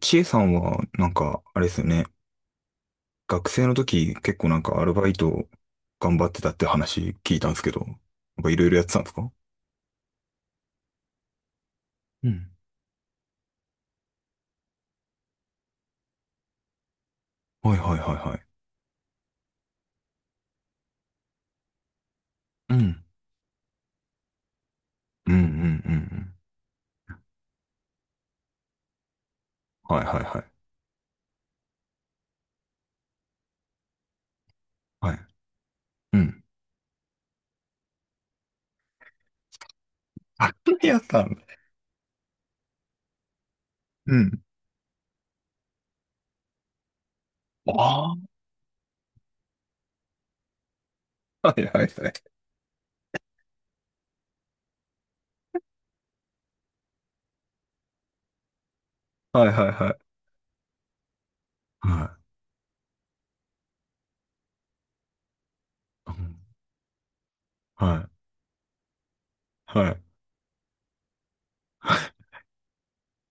ちえさんは、なんか、あれですよね。学生の時、結構なんかアルバイト頑張ってたって話聞いたんですけど、なんかいろいろやってたんですか？うん。はいはいはいはい。うん。うんうんうんうん。はいはいはい。はい。うん。あ、やったん。うん。ああ。はいはいはい。はいはいはい。はい。うん。はいはい。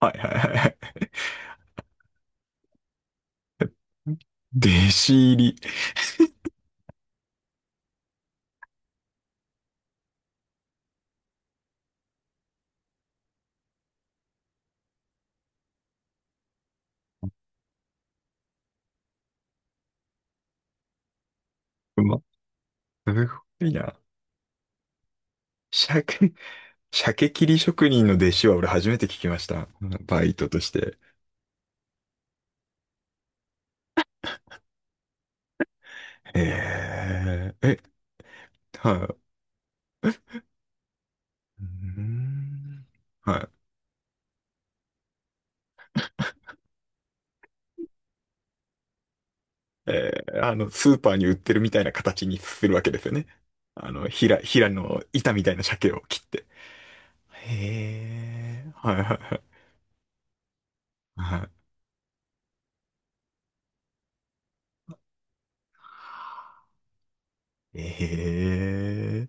はいはいはいはい。弟子入り。うま、すごいな。社会鮭切り職人の弟子は俺初めて聞きました。バイトとして。えー、え、はい。うーん。はい。えー、あの、スーパーに売ってるみたいな形にするわけですよね。あの、ひらの板みたいな鮭を切って。へえ、はいはいはい。はい。ええ、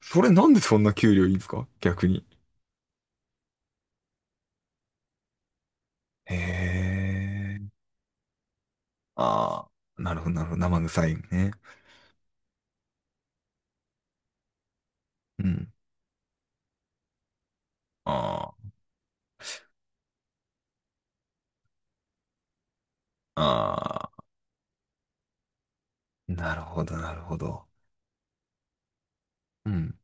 それなんでそんな給料いいんですか逆に？へえ、ああ、なるほどなるほど。生臭いね。うん。ああ、なるほど、なるほど。うん。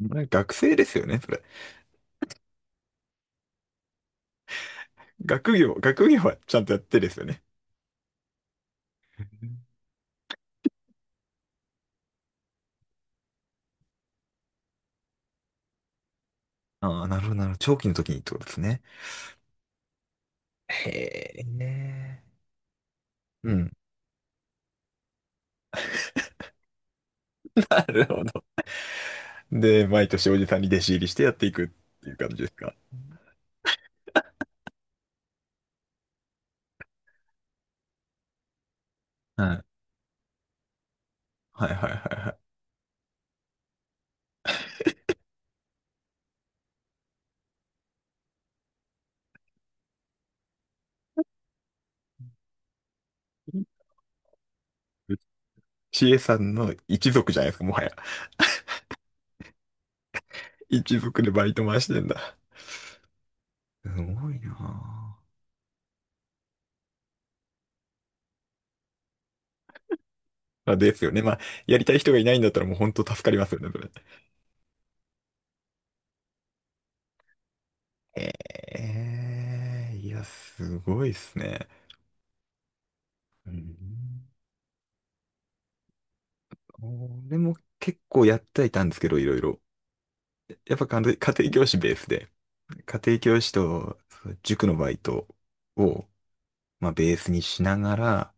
学生ですよね、それ？学業はちゃんとやってですよね？ああ、なるほど、なるほど。長期の時にってことですね。へえ。うん。なるほど。で、毎年おじさんに弟子入りしてやっていくっていう感じですか？はい。はいはいはいはい。知恵さんの一族じゃないですか、もはや。一族でバイト回してんだ。すごいなあ。まあですよね。まあ、やりたい人がいないんだったらもう本当助かりますよね、それ。ええ、いや、すごいっすね。うん。俺も結構やってはいたんですけど、いろいろ。やっぱ家庭教師ベースで、家庭教師とそう塾のバイトを、まあ、ベースにしながら、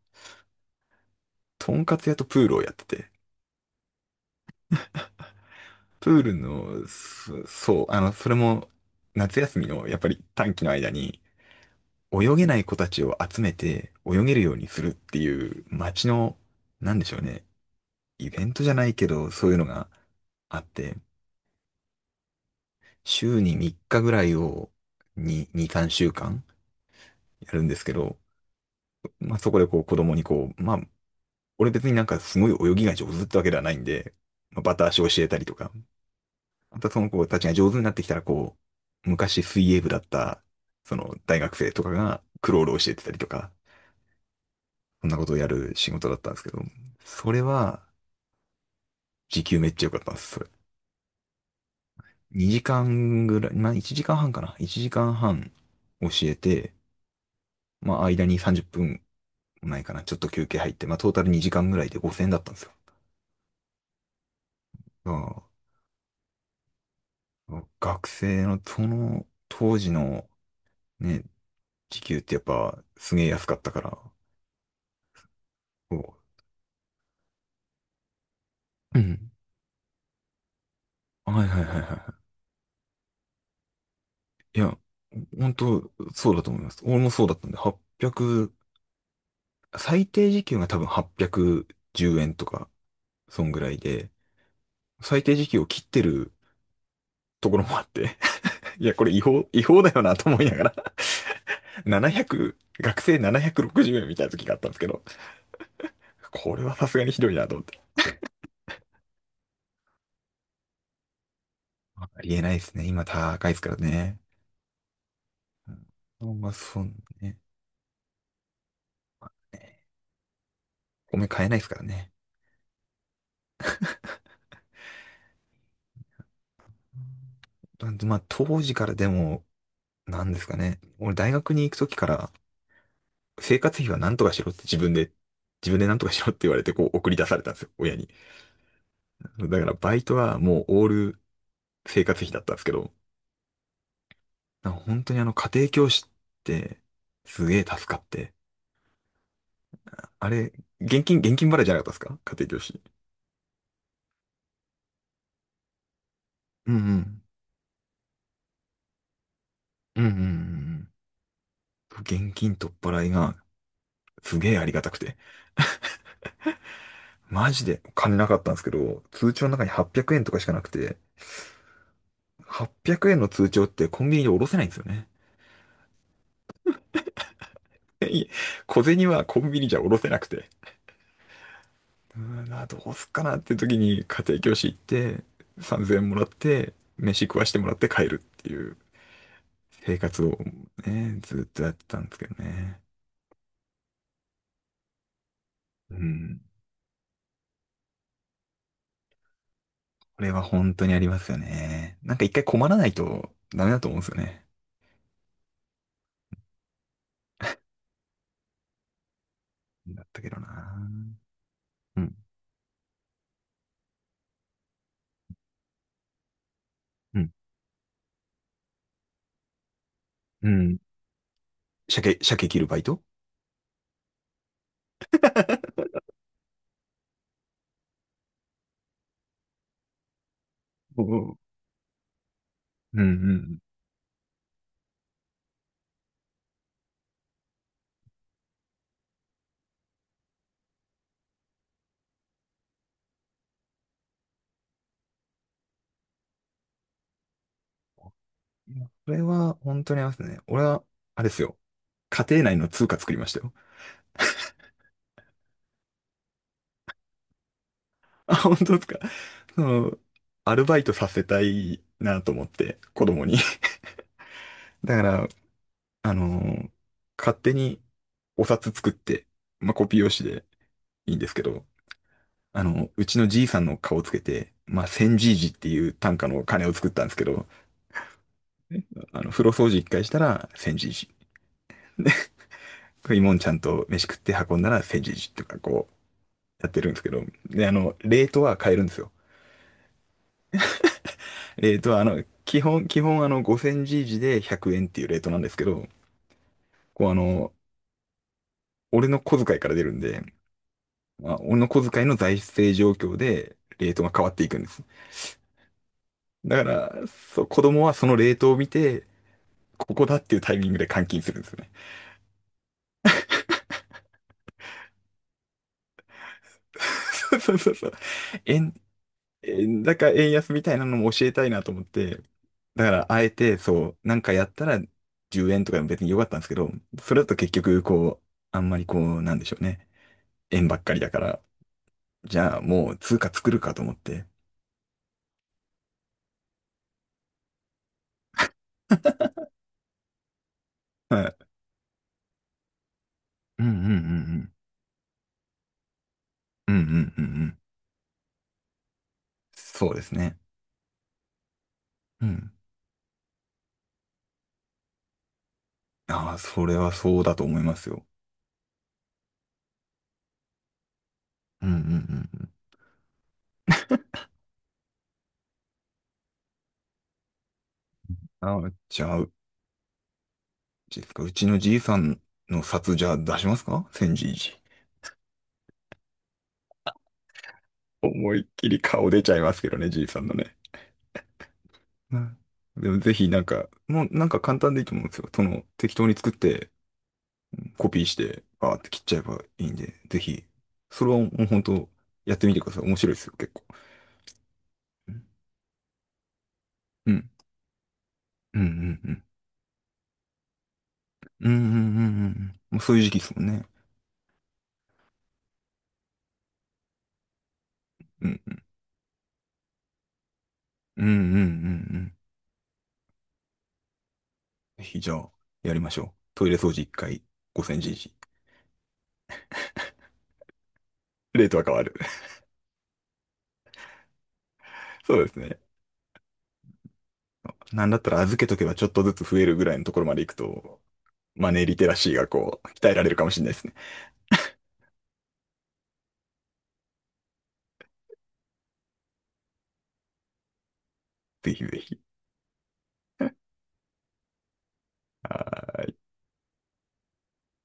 とんかつ屋とプールをやってて、プールの、そう、あの、それも夏休みのやっぱり短期の間に、泳げない子たちを集めて泳げるようにするっていう街の、なんでしょうね、イベントじゃないけど、そういうのがあって、週に3日ぐらいを2、2、3週間やるんですけど、まあそこでこう子供にこう、まあ、俺別になんかすごい泳ぎが上手ってわけではないんで、まあ、バタ足を教えたりとか、またその子たちが上手になってきたらこう、昔水泳部だった、その大学生とかがクロールを教えてたりとか、そんなことをやる仕事だったんですけど、それは時給めっちゃ良かったんです。2時間ぐらい、まあ1時間半かな。1時間半教えて、まあ間に30分もないかな。ちょっと休憩入って、まあトータル2時間ぐらいで5000円だったんですよ。だから学生のその当時のね、時給ってやっぱすげえ安かったから、こう。うん。はいはいはいはいはい。いや、本当そうだと思います。俺もそうだったんで、8 0最低時給が多分810円とか、そんぐらいで、最低時給を切ってるところもあって、いや、これ違法だよなと思いながら700 学生760円みたいな時があったんですけど、これはさすがにひどいなと思って。ありえないですね。今高いですからね。うんまあ、そうね。米買えないですからね。なんでまあ、当時からでも、なんですかね。俺大学に行く時から、生活費は何とかしろって自分で何とかしろって言われて、こう送り出されたんですよ、親に。だからバイトはもうオール生活費だったんですけど、なんか本当にあの家庭教師ってすげえ助かって。あれ、現金払いじゃなかったですか家庭教師？うんうん。うんうんうんうん。現金取っ払いがすげえありがたくて。マジで金なかったんですけど、通帳の中に800円とかしかなくて、800円の通帳ってコンビニでおろせないんですよね。小銭はコンビニじゃおろせなくて。うーん、あどうすっかなって時に家庭教師行って、3000円もらって、飯食わしてもらって帰るっていう。生活をね、ずっとやってたんですけどね。うん。これは本当にありますよね。なんか一回困らないとダメだと思うんですよね。だったけどな。うん。うん。うん。鮭切るバイト。おう。うん。うんうん。いやこれは本当にありますね。俺は、あれですよ。家庭内の通貨作りましたよ。あ、本当ですか？その、アルバイトさせたいなと思って、子供に。だから、あのー勝手にお札作って、まあ、コピー用紙でいいんですけど、あの、うちのじいさんの顔をつけて、まあ、千じいじっていう単価の金を作ったんですけど、あの、風呂掃除一回したら千じいじ。で、食いもんちゃんと飯食って運んだら千じいじとかこう、やってるんですけど、で、あの、レートは変えるんですよ。レートは、あの、基本あの、5000じいじで100円っていうレートなんですけど、こうあの、俺の小遣いから出るんで、まあ、俺の小遣いの財政状況で、レートが変わっていくんです。だから、そう、子供はそのレートを見て、ここだっていうタイミングで換金するんですよね。そうそうそうそう。円、円高、円安みたいなのも教えたいなと思って、だから、あえて、そう、なんかやったら10円とかでも別に良かったんですけど、それだと結局、こう、あんまりこう、なんでしょうね。円ばっかりだから、じゃあもう通貨作るかと思って。はい。うんうんうんうん。うんうんうんうん。そうですね。うん。ああ、それはそうだと思いますよ。うんうんうんうん。ああ、じゃあ、ですか、うちのじいさんの札じゃあ出しますか千じいじ？思いっきり顔出ちゃいますけどね、じいさんのね。うん。でもぜひなんか、もうなんか簡単でいいと思うんですよ。その適当に作って、コピーして、バーって切っちゃえばいいんで、ぜひ、それはもう本当やってみてください。面白いですよ、結構。うん。うんうんうん。うんうんうんうんうん。もうそういう時期ですもんね。うんうんうんうんうん。ぜひじゃあ、やりましょう。トイレ掃除1回5000時レートは変わる。そうですね。なんだったら預けとけばちょっとずつ増えるぐらいのところまで行くと、マネーリテラシーがこう、鍛えられるかもしれないですね。ぜひぜひ。